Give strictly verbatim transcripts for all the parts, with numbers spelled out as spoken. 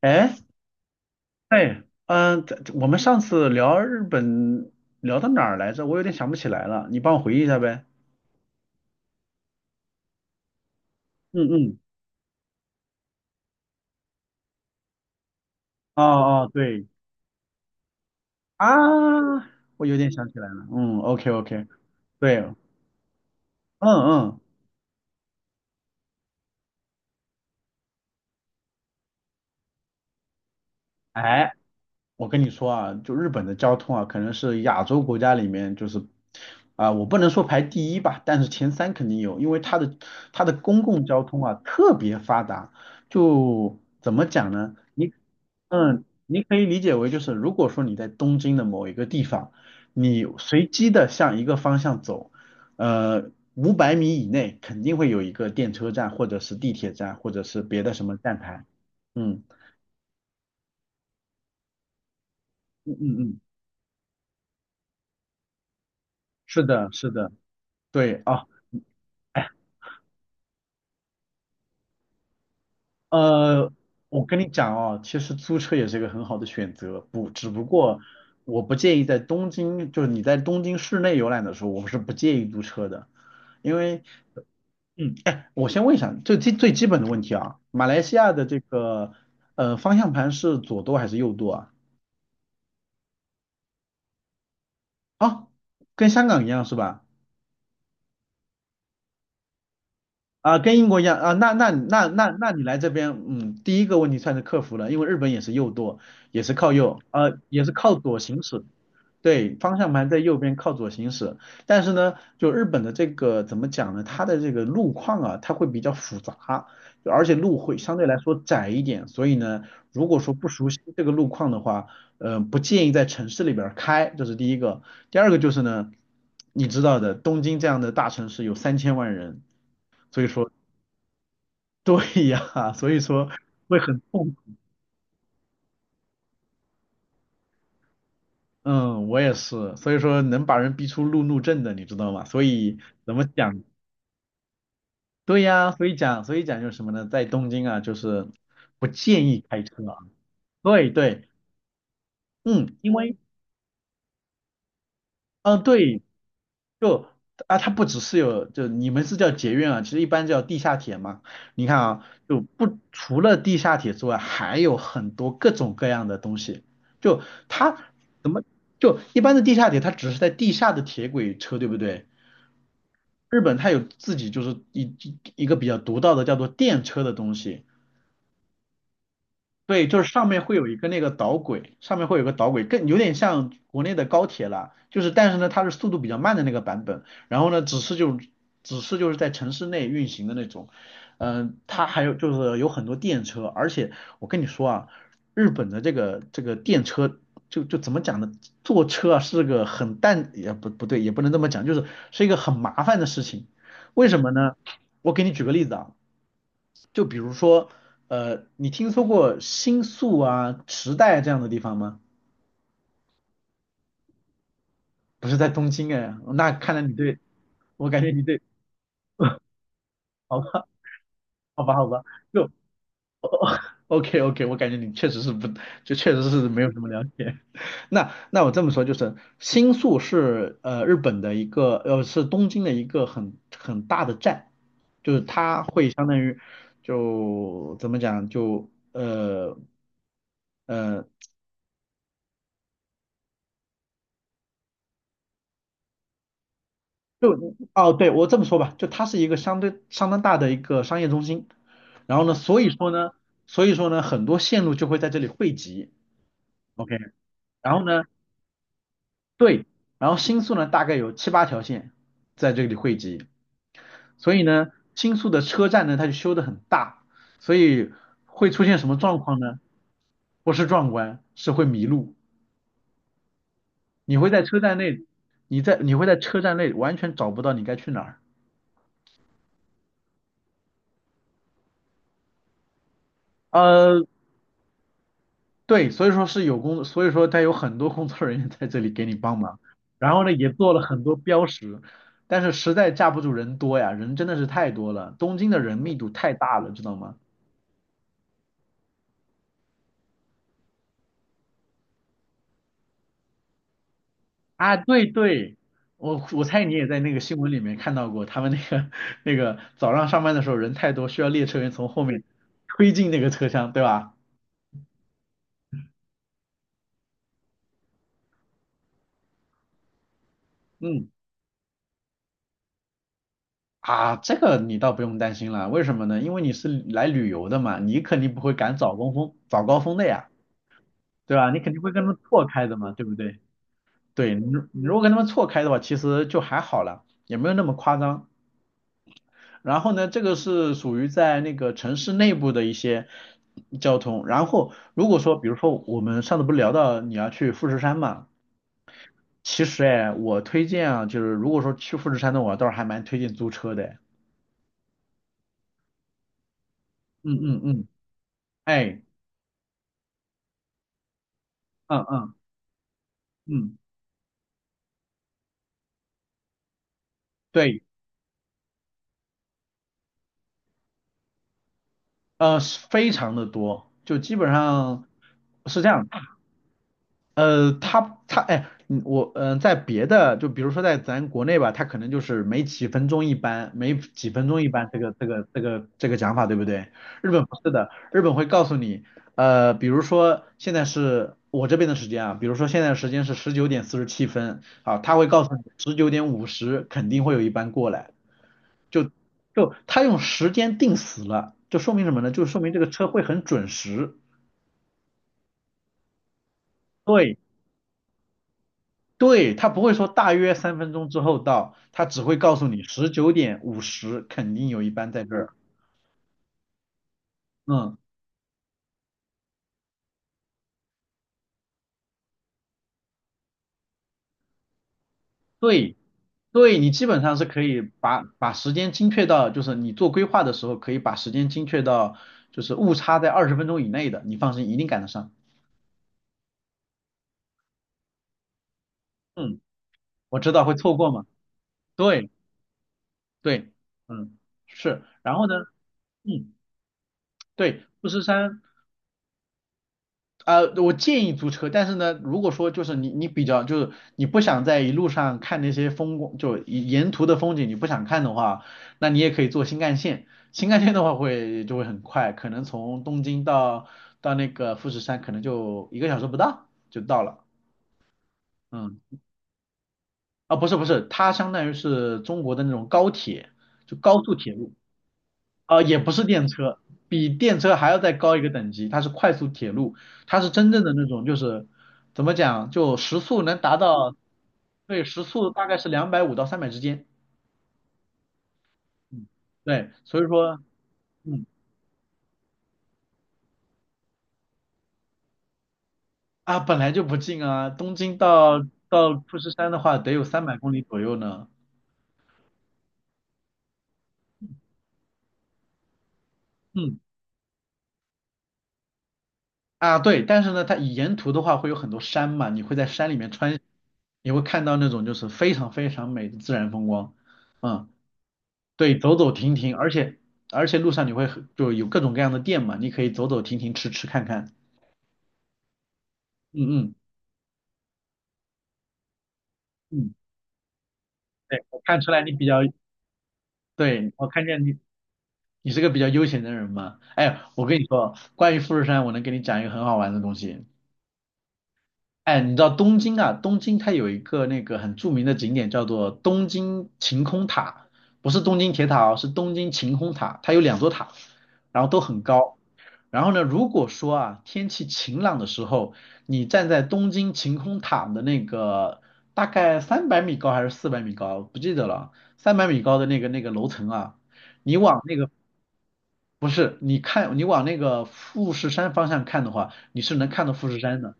哎，哎，嗯、这我们上次聊日本聊到哪儿来着？我有点想不起来了，你帮我回忆一下呗。嗯嗯，哦哦，对啊，我有点想起来了。嗯，OK OK，对，嗯嗯，哎我跟你说啊，就日本的交通啊，可能是亚洲国家里面就是，啊、我不能说排第一吧，但是前三肯定有，因为它的它的公共交通啊特别发达，就怎么讲呢？你嗯，你可以理解为就是，如果说你在东京的某一个地方，你随机的向一个方向走，呃，五百米以内肯定会有一个电车站，或者是地铁站，或者是别的什么站台。嗯嗯嗯嗯，是的，是的。对啊，呃，我跟你讲哦，其实租车也是一个很好的选择，不，只不过我不建议在东京，就是你在东京市内游览的时候，我是不建议租车的，因为，嗯，哎，我先问一下，最最最基本的问题啊，马来西亚的这个呃方向盘是左舵还是右舵啊？哦，跟香港一样是吧？啊，跟英国一样啊，那那那那那你来这边，嗯，第一个问题算是克服了，因为日本也是右舵，也是靠右，呃，也是靠左行驶，对，方向盘在右边靠左行驶，但是呢，就日本的这个怎么讲呢？它的这个路况啊，它会比较复杂，就而且路会相对来说窄一点，所以呢，如果说不熟悉这个路况的话，呃，不建议在城市里边儿开，这是第一个。第二个就是呢，你知道的，东京这样的大城市有三千万人，所以说 对呀，所以说会很痛苦。嗯，我也是，所以说能把人逼出路怒症的，你知道吗？所以怎么讲？对呀，所以讲，所以讲就是什么呢？在东京啊，就是不建议开车啊。对对，嗯，因为，嗯、对，就啊，它不只是有，就你们是叫捷运啊，其实一般叫地下铁嘛。你看啊，就不除了地下铁之外，还有很多各种各样的东西。就它怎么就一般的地下铁，它只是在地下的铁轨车，对不对？日本它有自己就是一一一个比较独到的叫做电车的东西。对，就是上面会有一个那个导轨，上面会有个导轨，更有点像国内的高铁啦。就是，但是呢，它是速度比较慢的那个版本。然后呢，只是就只是就是在城市内运行的那种。嗯、它还有就是有很多电车，而且我跟你说啊，日本的这个这个电车就就怎么讲呢？坐车啊是个很淡，也不不对，也不能这么讲，就是是一个很麻烦的事情。为什么呢？我给你举个例子啊。就比如说，呃，你听说过新宿啊、池袋这样的地方吗？不是在东京哎，那看来你对，我感觉你对，好吧，好吧，好吧，就 OK OK，我感觉你确实是不，就确实是没有什么了解。那那我这么说就是，新宿是呃日本的一个呃是东京的一个很很大的站，就是它会相当于就怎么讲就呃呃。就哦，对，我这么说吧，就它是一个相对相当大的一个商业中心，然后呢，所以说呢，所以说呢，很多线路就会在这里汇集，OK，然后呢，对，然后新宿呢大概有七八条线在这里汇集，所以呢，新宿的车站呢它就修得很大，所以会出现什么状况呢？不是壮观，是会迷路，你会在车站内，你在你会在车站内完全找不到你该去哪儿。呃，对，所以说是有工，所以说他有很多工作人员在这里给你帮忙，然后呢也做了很多标识，但是实在架不住人多呀，人真的是太多了，东京的人密度太大了，知道吗？啊，对对，我我猜你也在那个新闻里面看到过，他们那个 那个早上上班的时候人太多，需要列车员从后面推进那个车厢，对吧？嗯，啊，这个你倒不用担心了，为什么呢？因为你是来旅游的嘛，你肯定不会赶早高峰早高峰的呀。对吧？你肯定会跟他们错开的嘛，对不对？对，你如你如果跟他们错开的话，其实就还好了，也没有那么夸张。然后呢，这个是属于在那个城市内部的一些交通。然后如果说，比如说我们上次不是聊到你要去富士山嘛，其实哎，我推荐啊，就是如果说去富士山的，我倒是还蛮推荐租车的哎。嗯嗯嗯，哎，嗯嗯嗯，对，呃，是非常的多，就基本上是这样。呃，他他哎，嗯我嗯、呃在别的就比如说在咱国内吧，他可能就是每几分钟一班，每几分钟一班这个这个这个这个讲法，对不对？日本不是的，日本会告诉你，呃，比如说现在是我这边的时间啊，比如说现在的时间是十九点四十七分，啊，他会告诉你十九点五十肯定会有一班过来，就就他用时间定死了，就说明什么呢？就说明这个车会很准时。对对，他不会说大约三分钟之后到，他只会告诉你十九点五十肯定有一班在这儿。嗯，对，对，你基本上是可以把把时间精确到，就是你做规划的时候可以把时间精确到，就是误差在二十分钟以内的，你放心，一定赶得上。嗯，我知道会错过嘛。对对，嗯，是。然后呢，嗯，对，富士山。呃，我建议租车，但是呢，如果说就是你你比较就是你不想在一路上看那些风光，就沿沿途的风景你不想看的话，那你也可以坐新干线。新干线的话会就会很快，可能从东京到到那个富士山可能就一个小时不到就到了。嗯，啊不是不是，它相当于是中国的那种高铁，就高速铁路。呃，也不是电车，比电车还要再高一个等级，它是快速铁路，它是真正的那种，就是怎么讲，就时速能达到，对，时速大概是两百五到三百之间，嗯，对，所以说，嗯，啊，本来就不近啊，东京到到富士山的话得有三百公里左右呢，嗯，啊，对，但是呢，它沿途的话会有很多山嘛，你会在山里面穿，你会看到那种就是非常非常美的自然风光，嗯。对，走走停停，而且而且路上你会很就有各种各样的店嘛，你可以走走停停，吃吃看看。嗯嗯嗯，对，我看出来你比较，对，我看见你你是个比较悠闲的人嘛。哎，我跟你说，关于富士山，我能给你讲一个很好玩的东西。哎，你知道东京啊？东京它有一个那个很著名的景点叫做东京晴空塔，不是东京铁塔哦，是东京晴空塔，它有两座塔，然后都很高。然后呢，如果说啊，天气晴朗的时候，你站在东京晴空塔的那个大概三百米高还是四百米高，不记得了，三百米高的那个那个楼层啊，你往那个不是，你看你往那个富士山方向看的话，你是能看到富士山的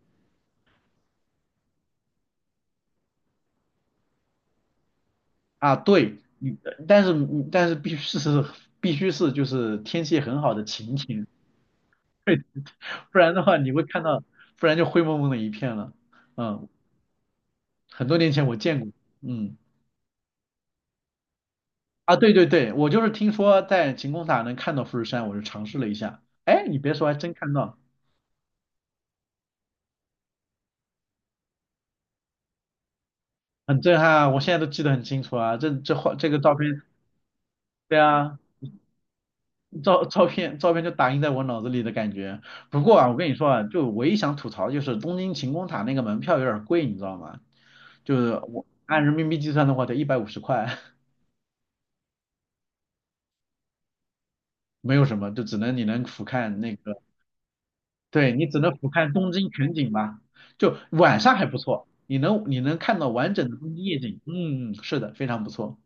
啊。对，你但是但是必须是必须是就是天气很好的晴天，对，不然的话你会看到，不然就灰蒙蒙的一片了。嗯，很多年前我见过，嗯。啊，对对对，我就是听说在晴空塔能看到富士山，我就尝试了一下。哎，你别说，还真看到，很震撼啊！我现在都记得很清楚啊，这这画这个照片，对啊，照照片照片就打印在我脑子里的感觉。不过啊，我跟你说啊，就唯一想吐槽就是东京晴空塔那个门票有点贵，你知道吗？就是我按人民币计算的话得一百五十块，没有什么，就只能你能俯瞰那个。对你只能俯瞰东京全景吧，就晚上还不错，你能你能看到完整的东京夜景。嗯，是的，非常不错。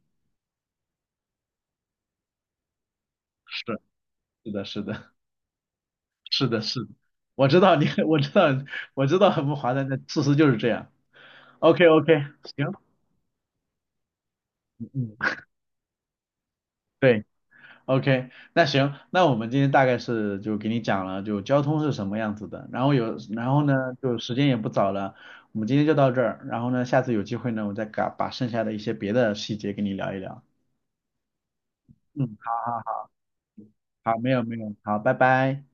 是是的，是的，是的，是的，我知道你，我知道，我知道很不划南的事实就是这样。OK OK，行，嗯，对，OK，那行，那我们今天大概是就给你讲了就交通是什么样子的，然后有，然后呢就时间也不早了，我们今天就到这儿，然后呢下次有机会呢我再把把剩下的一些别的细节跟你聊一聊。嗯，好好好，好没有没有，好，拜拜。